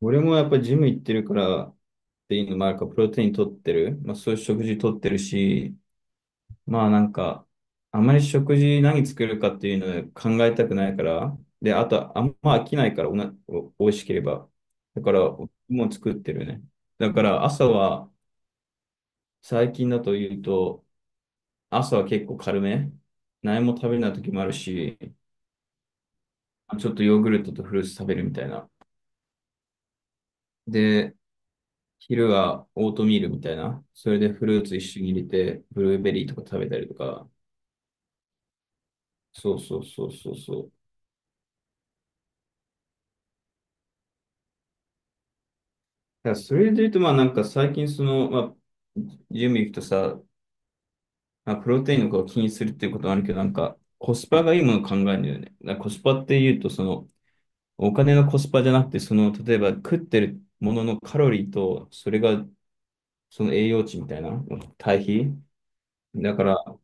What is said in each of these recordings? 俺もやっぱりジム行ってるからっていうのもあるから、プロテイン取ってる。まあそういう食事取ってるし、まあなんか、あまり食事何作るかっていうのを考えたくないから、で、あとあんま飽きないからおな、お、美味しければ。だから、もう作ってるね。だから朝は、最近だと言うと、朝は結構軽め。何も食べない時もあるし、ちょっとヨーグルトとフルーツ食べるみたいな。で、昼はオートミールみたいな。それでフルーツ一緒に入れて、ブルーベリーとか食べたりとか。そうそうそうそうそう。だからそれで言うと、まあなんか最近その、まあ、準備行くとさ、まあ、プロテインのことを気にするっていうことはあるけど、なんかコスパがいいものを考えるんだよね。だからコスパって言うと、その、お金のコスパじゃなくて、その、例えば食ってるもののカロリーと、それが、その栄養値みたいな、対比。だから、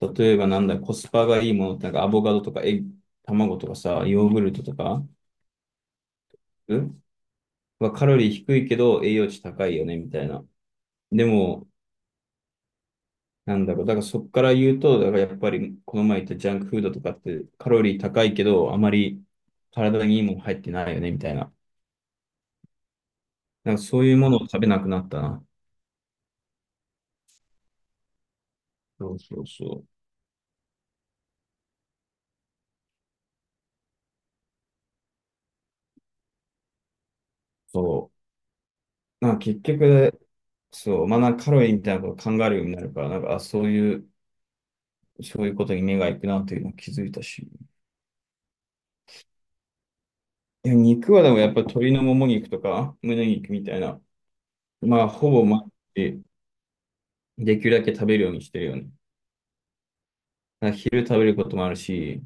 例えばなんだ、コスパがいいものって、なんかアボカドとか卵とかさ、ヨーグルトとか、うん、はカロリー低いけど栄養値高いよね、みたいな。でも、なんだろう、だからそこから言うと、だからやっぱりこの前言ったジャンクフードとかってカロリー高いけど、あまり体にいいもの入ってないよね、みたいな。なんかそういうものを食べなくなったな。そうそうそう。そう。まあ結局、そう、まあなんかカロリーみたいなことを考えるようになるから、なんか、あ、そういうことに目が行くなっていうのを気づいたし。いや、肉はでもやっぱ鶏のもも肉とか胸肉みたいな、まあほぼ毎日できるだけ食べるようにしてるよね。だから昼食べることもあるし、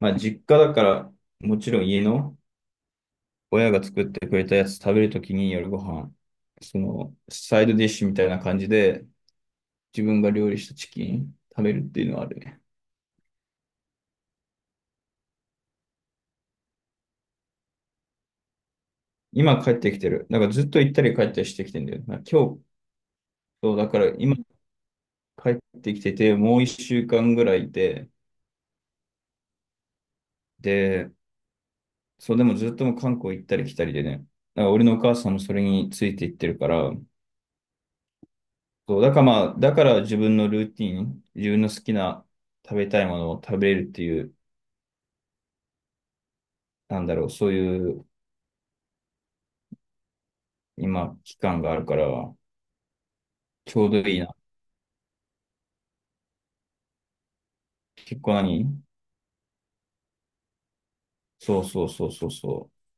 まあ実家だからもちろん家の親が作ってくれたやつ食べるときに夜ご飯、そのサイドディッシュみたいな感じで自分が料理したチキン食べるっていうのはあるね。今帰ってきてる。なんかずっと行ったり帰ったりしてきてんだよ。なんか今日、そうだから今帰ってきててもう1週間ぐらいいて、で、そう、でもずっともう韓国行ったり来たりでね。だから俺のお母さんもそれについていってるから、そう、だからまあ、だから自分のルーティン、自分の好きな食べたいものを食べれるっていう、なんだろう、そういう今、期間があるから、ちょうどいいな。結構何そうそうそうそうそう。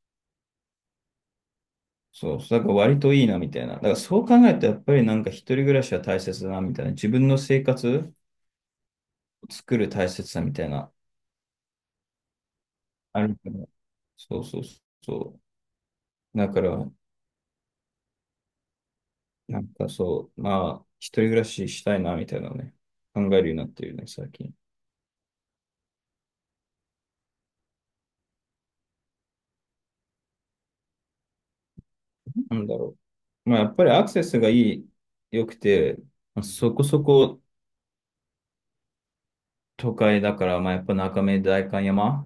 そう、だから割といいなみたいな。だからそう考えるとやっぱりなんか一人暮らしは大切だなみたいな。自分の生活を作る大切さみたいな。あるから。そうそうそう。だから、なんかそう、まあ、一人暮らししたいな、みたいなのね、考えるようになってるね、最近。なんだろう。まあ、やっぱりアクセスが良くて、まあそこそこ都会だから、まあ、やっぱ中目代官山、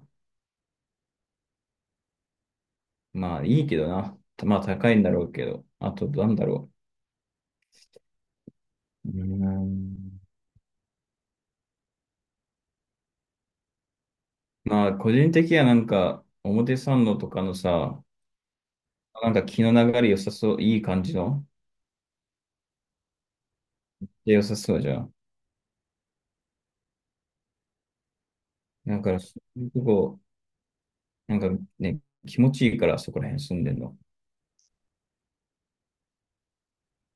まあ、いいけどな。まあ、高いんだろうけど。あと、なんだろう。うーん。まあ、個人的にはなんか、表参道とかのさ、なんか気の流れ良さそう、いい感じの、で良さそうじゃん。だから、そういうとこ、なんかね、気持ちいいから、そこら辺住んでんの。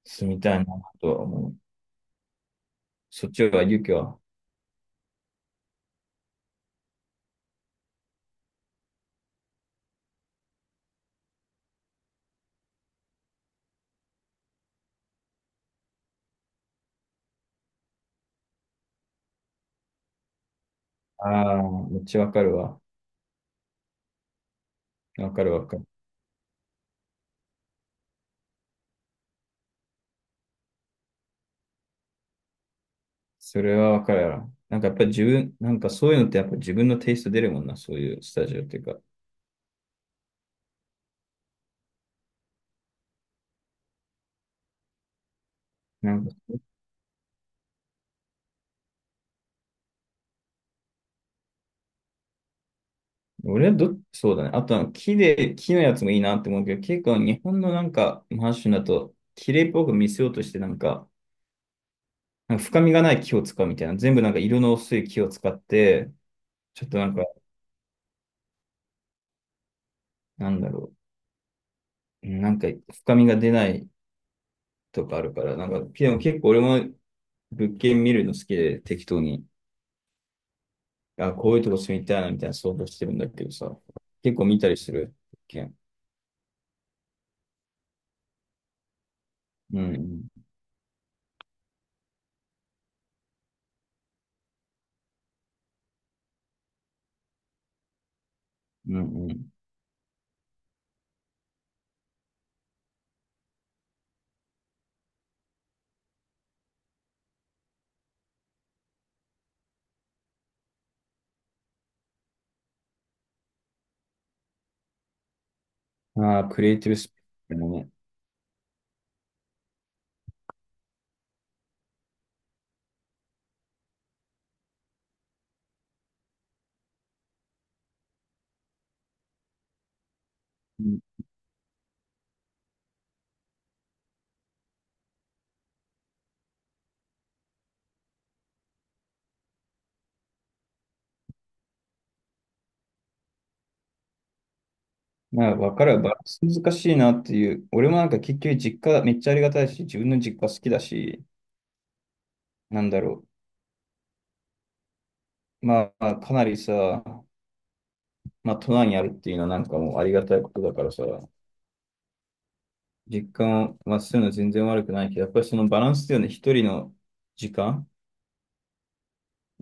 住みたいなとは思う。そっちは、勇気は。ああ、めっちゃわかるわ。わかるわかる。それはわかるやろ。なんかやっぱり自分、なんかそういうのってやっぱ自分のテイスト出るもんな、そういうスタジオっていうか。なんか、俺はど、そうだね。あとは木のやつもいいなって思うけど、結構日本のなんか、マンションだと、綺麗っぽく見せようとしてなんか、なんか深みがない木を使うみたいな。全部なんか色の薄い木を使って、ちょっとなんか、なんだろう。なんか深みが出ないとかあるから、なんか、でも結構俺も物件見るの好きで適当に、あ、こういうとこ住みたいなみたいな想像してるんだけどさ、結構見たりする物件。うん、うん、うんうん。ああ、クリエイティブスピーもね。うん、まあ、わかるバランス難しいなっていう。俺もなんか結局実家めっちゃありがたいし、自分の実家好きだし、なんだろう。まあ、かなりさ、まあ、都内にあるっていうのはなんかもうありがたいことだからさ、実家をまあ、するのは全然悪くないけど、やっぱりそのバランスだよね。一人の時間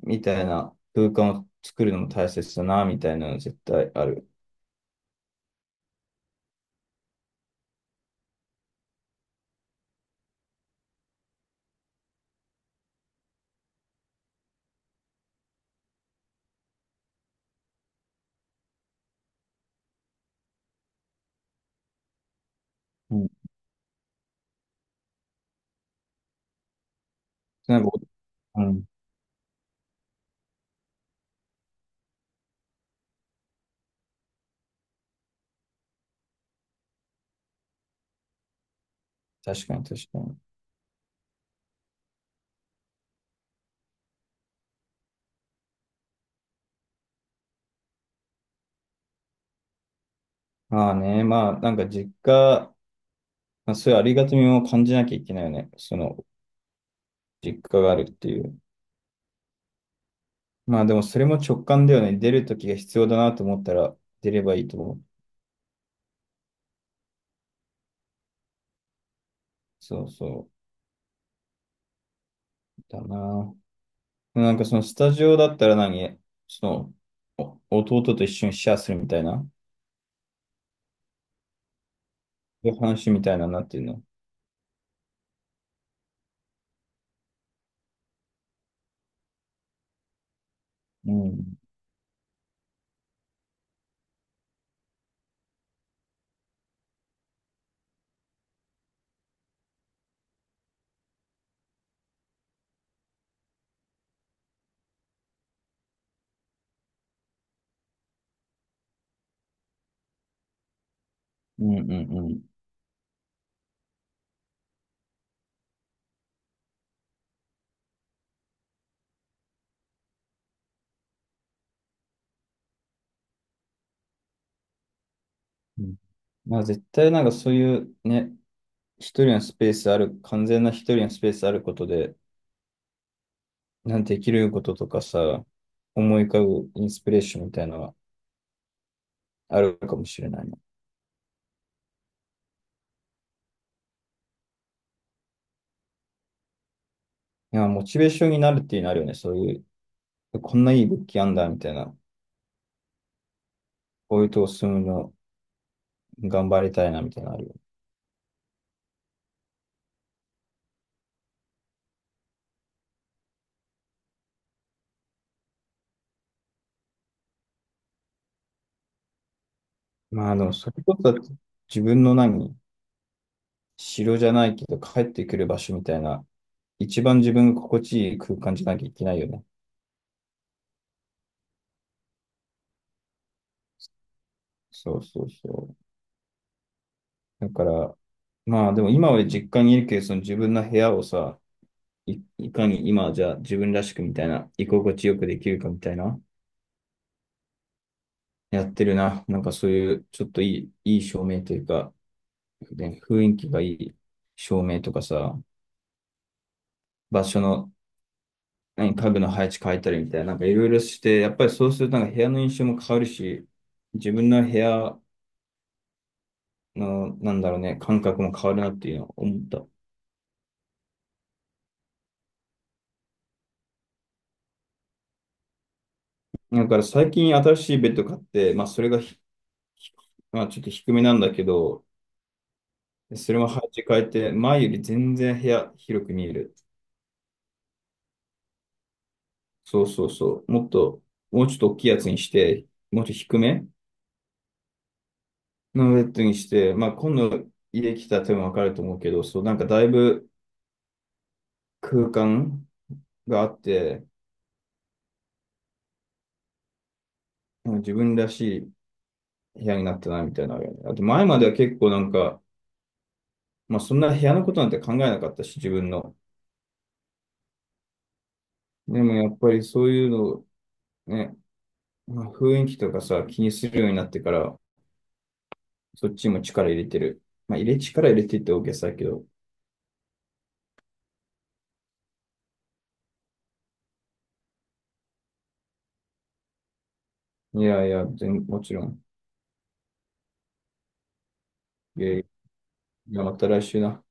みたいな空間を作るのも大切だな、みたいなの絶対ある。うん。なんか、うん、確かに確かに。まあね、まあなんか実家、まあ、そういうありがたみも感じなきゃいけないよね。その実家があるっていう。まあでもそれも直感だよね。出るときが必要だなと思ったら出ればいいと思う。そうそうだな。なんかそのスタジオだったらそのお弟と一緒にシェアするみたいな、そういう話みたいななっていうの。うん。うんうんうん。うん、まあ、絶対なんかそういうね、一人のスペースある、完全な一人のスペースあることで、なんてできることとかさ、思い浮かぶインスピレーションみたいなのがあるかもしれないな。いや、モチベーションになるっていうのあるよね。そういう、こんないい物件あんだみたいな。こういうとこ住むの頑張りたいなみたいなのあるよね。まあ、でもそれこそ自分の城じゃないけど帰ってくる場所みたいな、一番自分が心地いい空間じゃなきゃいけないよね。そうそうそう。だから、まあでも今は実家にいるけど、その自分の部屋をさ、いかに今じゃあ自分らしくみたいな、居心地よくできるかみたいな、やってるな。なんかそういう、ちょっといい照明というか、ね、雰囲気がいい照明とかさ、場所の、家具の配置変えたりみたいな、なんかいろいろして、やっぱりそうするとなんか部屋の印象も変わるし、自分の部屋の、なんだろうね、感覚も変わるなっていうのを思った。だから最近新しいベッド買って、まあそれがまあ、ちょっと低めなんだけど、それも配置変えて、前より全然部屋広く見える。そうそうそう。もうちょっと大きいやつにして、もっと低めのベッドにして、まあ、今度家来たら多分わかると思うけど、そう、なんかだいぶ空間があって、うん、自分らしい部屋になったな、みたいなのあるよね。あと前までは結構なんか、まあ、そんな部屋のことなんて考えなかったし、自分の。でもやっぱりそういうのをね、まあ、雰囲気とかさ、気にするようになってから、そっちも力入れてる。まあ、力入れてって大げさだけど。いやいや、もちろん。いやいや、また来週な。